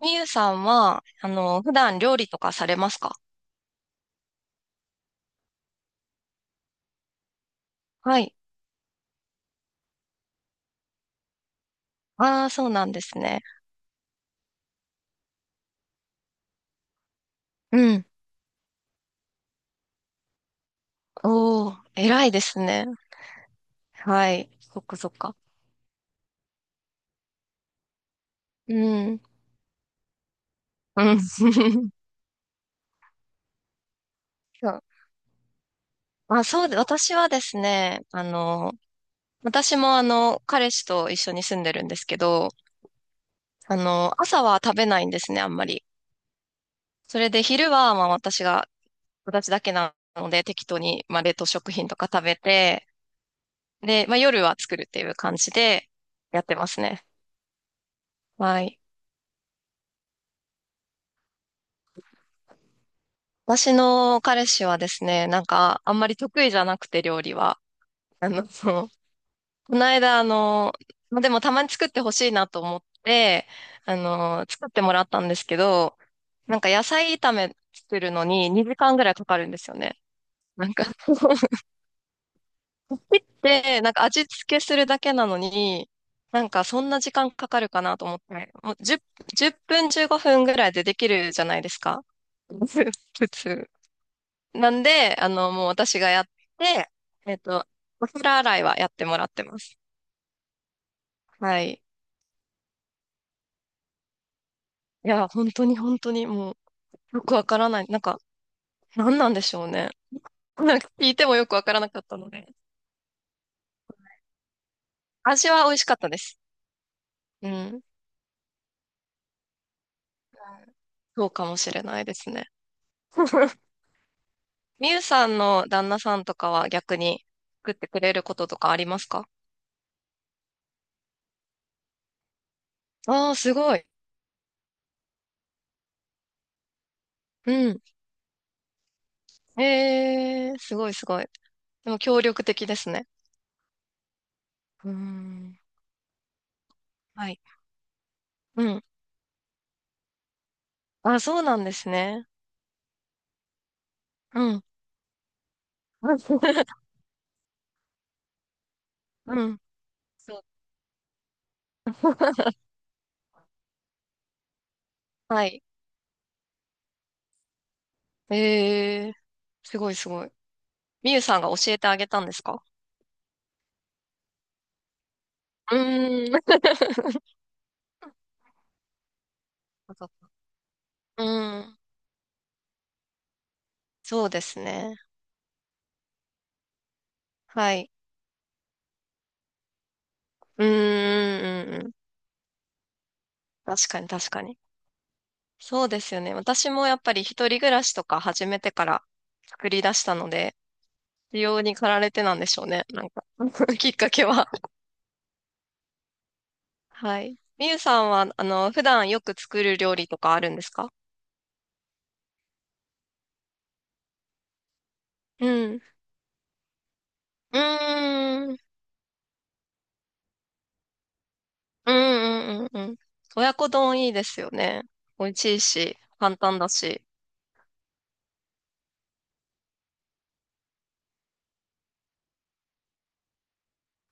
みゆさんは、あの、普段料理とかされますか？はい。ああ、そうなんですね。うん。おー、偉いですね。はい。そっかそっか。うん。うん。そうまあ、そうで、私はですね、あの、私もあの、彼氏と一緒に住んでるんですけど、あの、朝は食べないんですね、あんまり。それで昼は、まあ私が、私だけなので、適当に、まあ冷凍食品とか食べて、で、まあ夜は作るっていう感じでやってますね。はい。私の彼氏はですね、なんか、あんまり得意じゃなくて、料理は。あの、そうこの間、あの、まあでもたまに作ってほしいなと思って、あの、作ってもらったんですけど、なんか野菜炒め作るのに2時間ぐらいかかるんですよね。なんか で、なんか味付けするだけなのに、なんかそんな時間かかるかなと思って、もう10、10分15分ぐらいでできるじゃないですか。普通。なんで、あの、もう私がやって、えっと、お皿洗いはやってもらってます。はい。いや、本当にもう、よくわからない。なんか、何なんでしょうね。なんか聞いてもよくわからなかったので。味は美味しかったです。うん。そうかもしれないですね。みゆさんの旦那さんとかは逆に作ってくれることとかありますか？ああー、すごい。うん。えすごいすごい。でも協力的ですね。うーん。はい。うん。あ、そうなんですね。うん。うん。そう。はい。えー、すごいすごい。みゆさんが教えてあげたんですか？うーん。うん。そうですね。はい。うーん、うん、うん。確かに、確かに。そうですよね。私もやっぱり一人暮らしとか始めてから作り出したので、需要に駆られてなんでしょうね。なんか きっかけは。はい。みゆさんは、あの、普段よく作る料理とかあるんですか？うん。うーん、うん、うん、うん。うん親子丼いいですよね。美味しいし、簡単だし。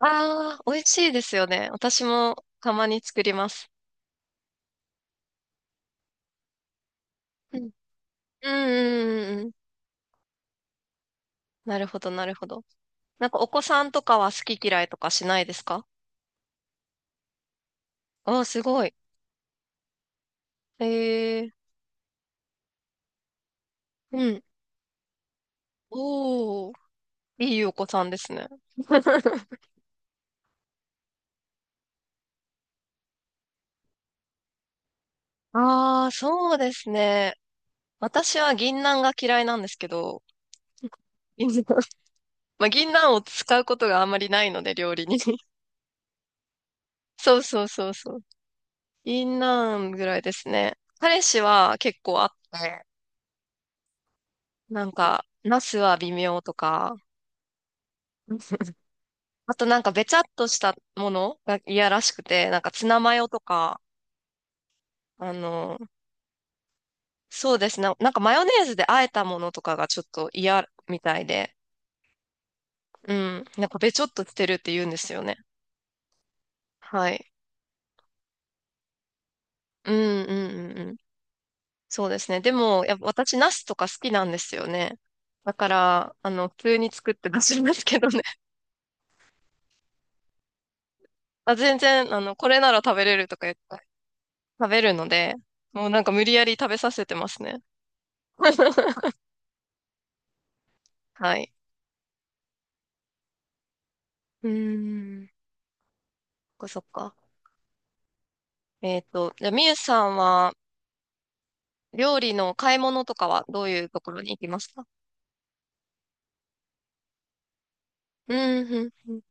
ああ、美味しいですよね。私もたまに作ります。うん、うん、うん、うん。うんなるほど、なるほど。なんかお子さんとかは好き嫌いとかしないですか？ああー、すごい。ええうん。おー、いいお子さんですね。ああ、そうですね。私は銀杏が嫌いなんですけど、まあ、銀杏を使うことがあんまりないので、料理に。そうそうそうそう。銀杏ぐらいですね。彼氏は結構あって、なんか、ナスは微妙とか、あとなんかべちゃっとしたものが嫌らしくて、なんかツナマヨとか、あの、そうですね。なんかマヨネーズで和えたものとかがちょっと嫌みたいで、うん。なんかべちょっとしてるって言うんですよね。はい。うんうんうんうん。そうですね。でも、やっぱ私、ナスとか好きなんですよね。だから、あの、普通に作って出しますけどね。あ、全然、あの、これなら食べれるとか言って食べるので、もうなんか無理やり食べさせてますね。はい。うーん。そっかそっか。じゃあ、みゆさんは、料理の買い物とかはどういうところに行きますか？うん、うん、うん。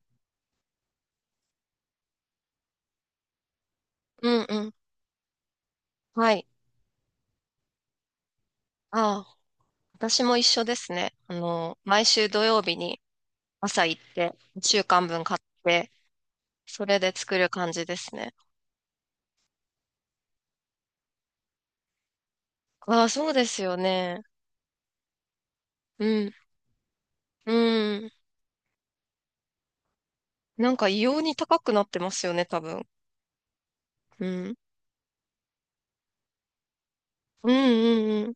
うんうんはい。ああ、私も一緒ですね。あの、毎週土曜日に朝行って、一週間分買って、それで作る感じですね。ああ、そうですよね。うん。うん。なんか異様に高くなってますよね、多分。うん。うんうんうん。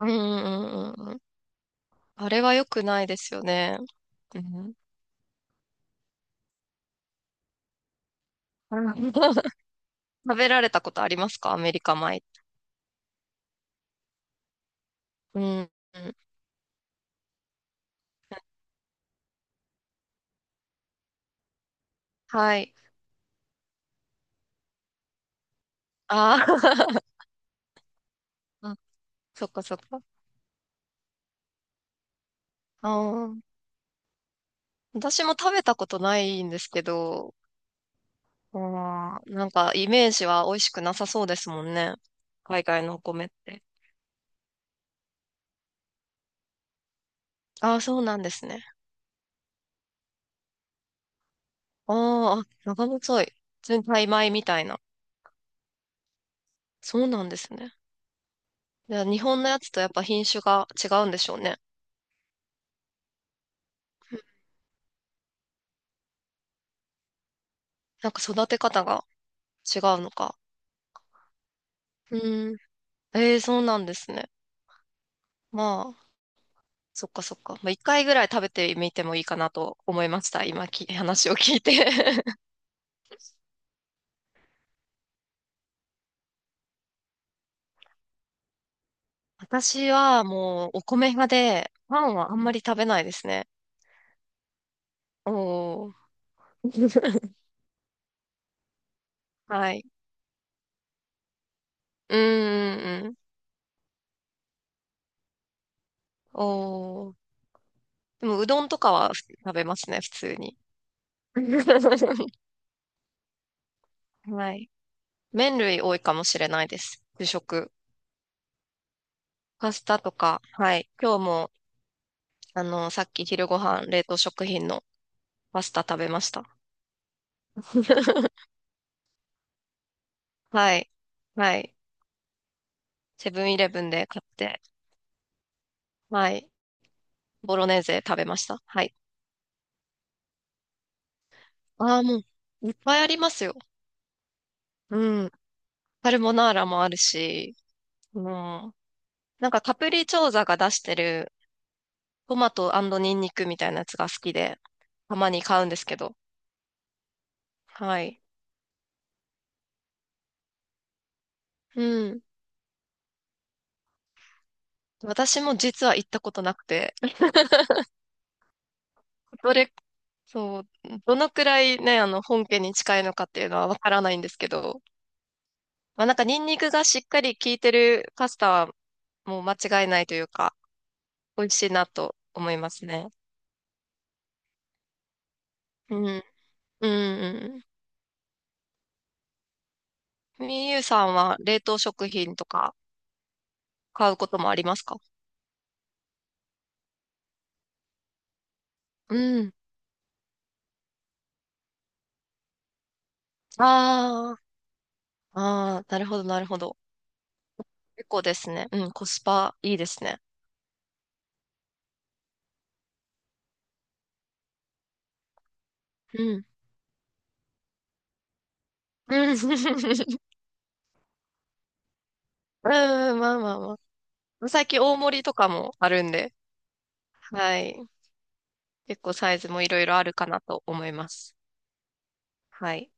うんうんうんうん。あれは良くないですよね。うん。うん 食べられたことありますかアメリカ米。うん。うんはい。あー あ、そっかそっか。ああ。私も食べたことないんですけど、あーなんかイメージは美味しくなさそうですもんね。海外のお米って。ああ、そうなんですね。あーあ、長細い。全体米みたいな。そうなんですね。じゃあ日本のやつとやっぱ品種が違うんでしょうね。なんか育て方が違うのか。うーん。ええ、そうなんですね。まあ、そっかそっか。まあ、一回ぐらい食べてみてもいいかなと思いました。今き、話を聞いて。私はもうお米派で、パンはあんまり食べないですね。おー。はい。うーん。おー。でも、うどんとかは食べますね、普通に。はい。麺類多いかもしれないです。主食。パスタとか、はい。今日も、あの、さっき昼ご飯、冷凍食品のパスタ食べました。はい。はい。セブンイレブンで買って、はい。ボロネーゼ食べました。はい。ああ、もう、いっぱいありますよ。うん。カルボナーラもあるし、うん。なんかカプリチョーザが出してるトマトニンニクみたいなやつが好きで、たまに買うんですけど。はい。うん。私も実は行ったことなくて、どれ、そう、どのくらいね、あの、本家に近いのかっていうのはわからないんですけど、まあなんかニンニクがしっかり効いてるパスタはもう間違いないというか、美味しいなと思いますね。うん。うん、うんうん。みゆうさんは冷凍食品とか買うこともありますか？うん。ああ、ああ、なるほど、なるほど。結構ですね。うん、コスパいいですね。うん。うん、うんまあまあまあ。最近大盛りとかもあるんで、はい。結構サイズもいろいろあるかなと思います。はい。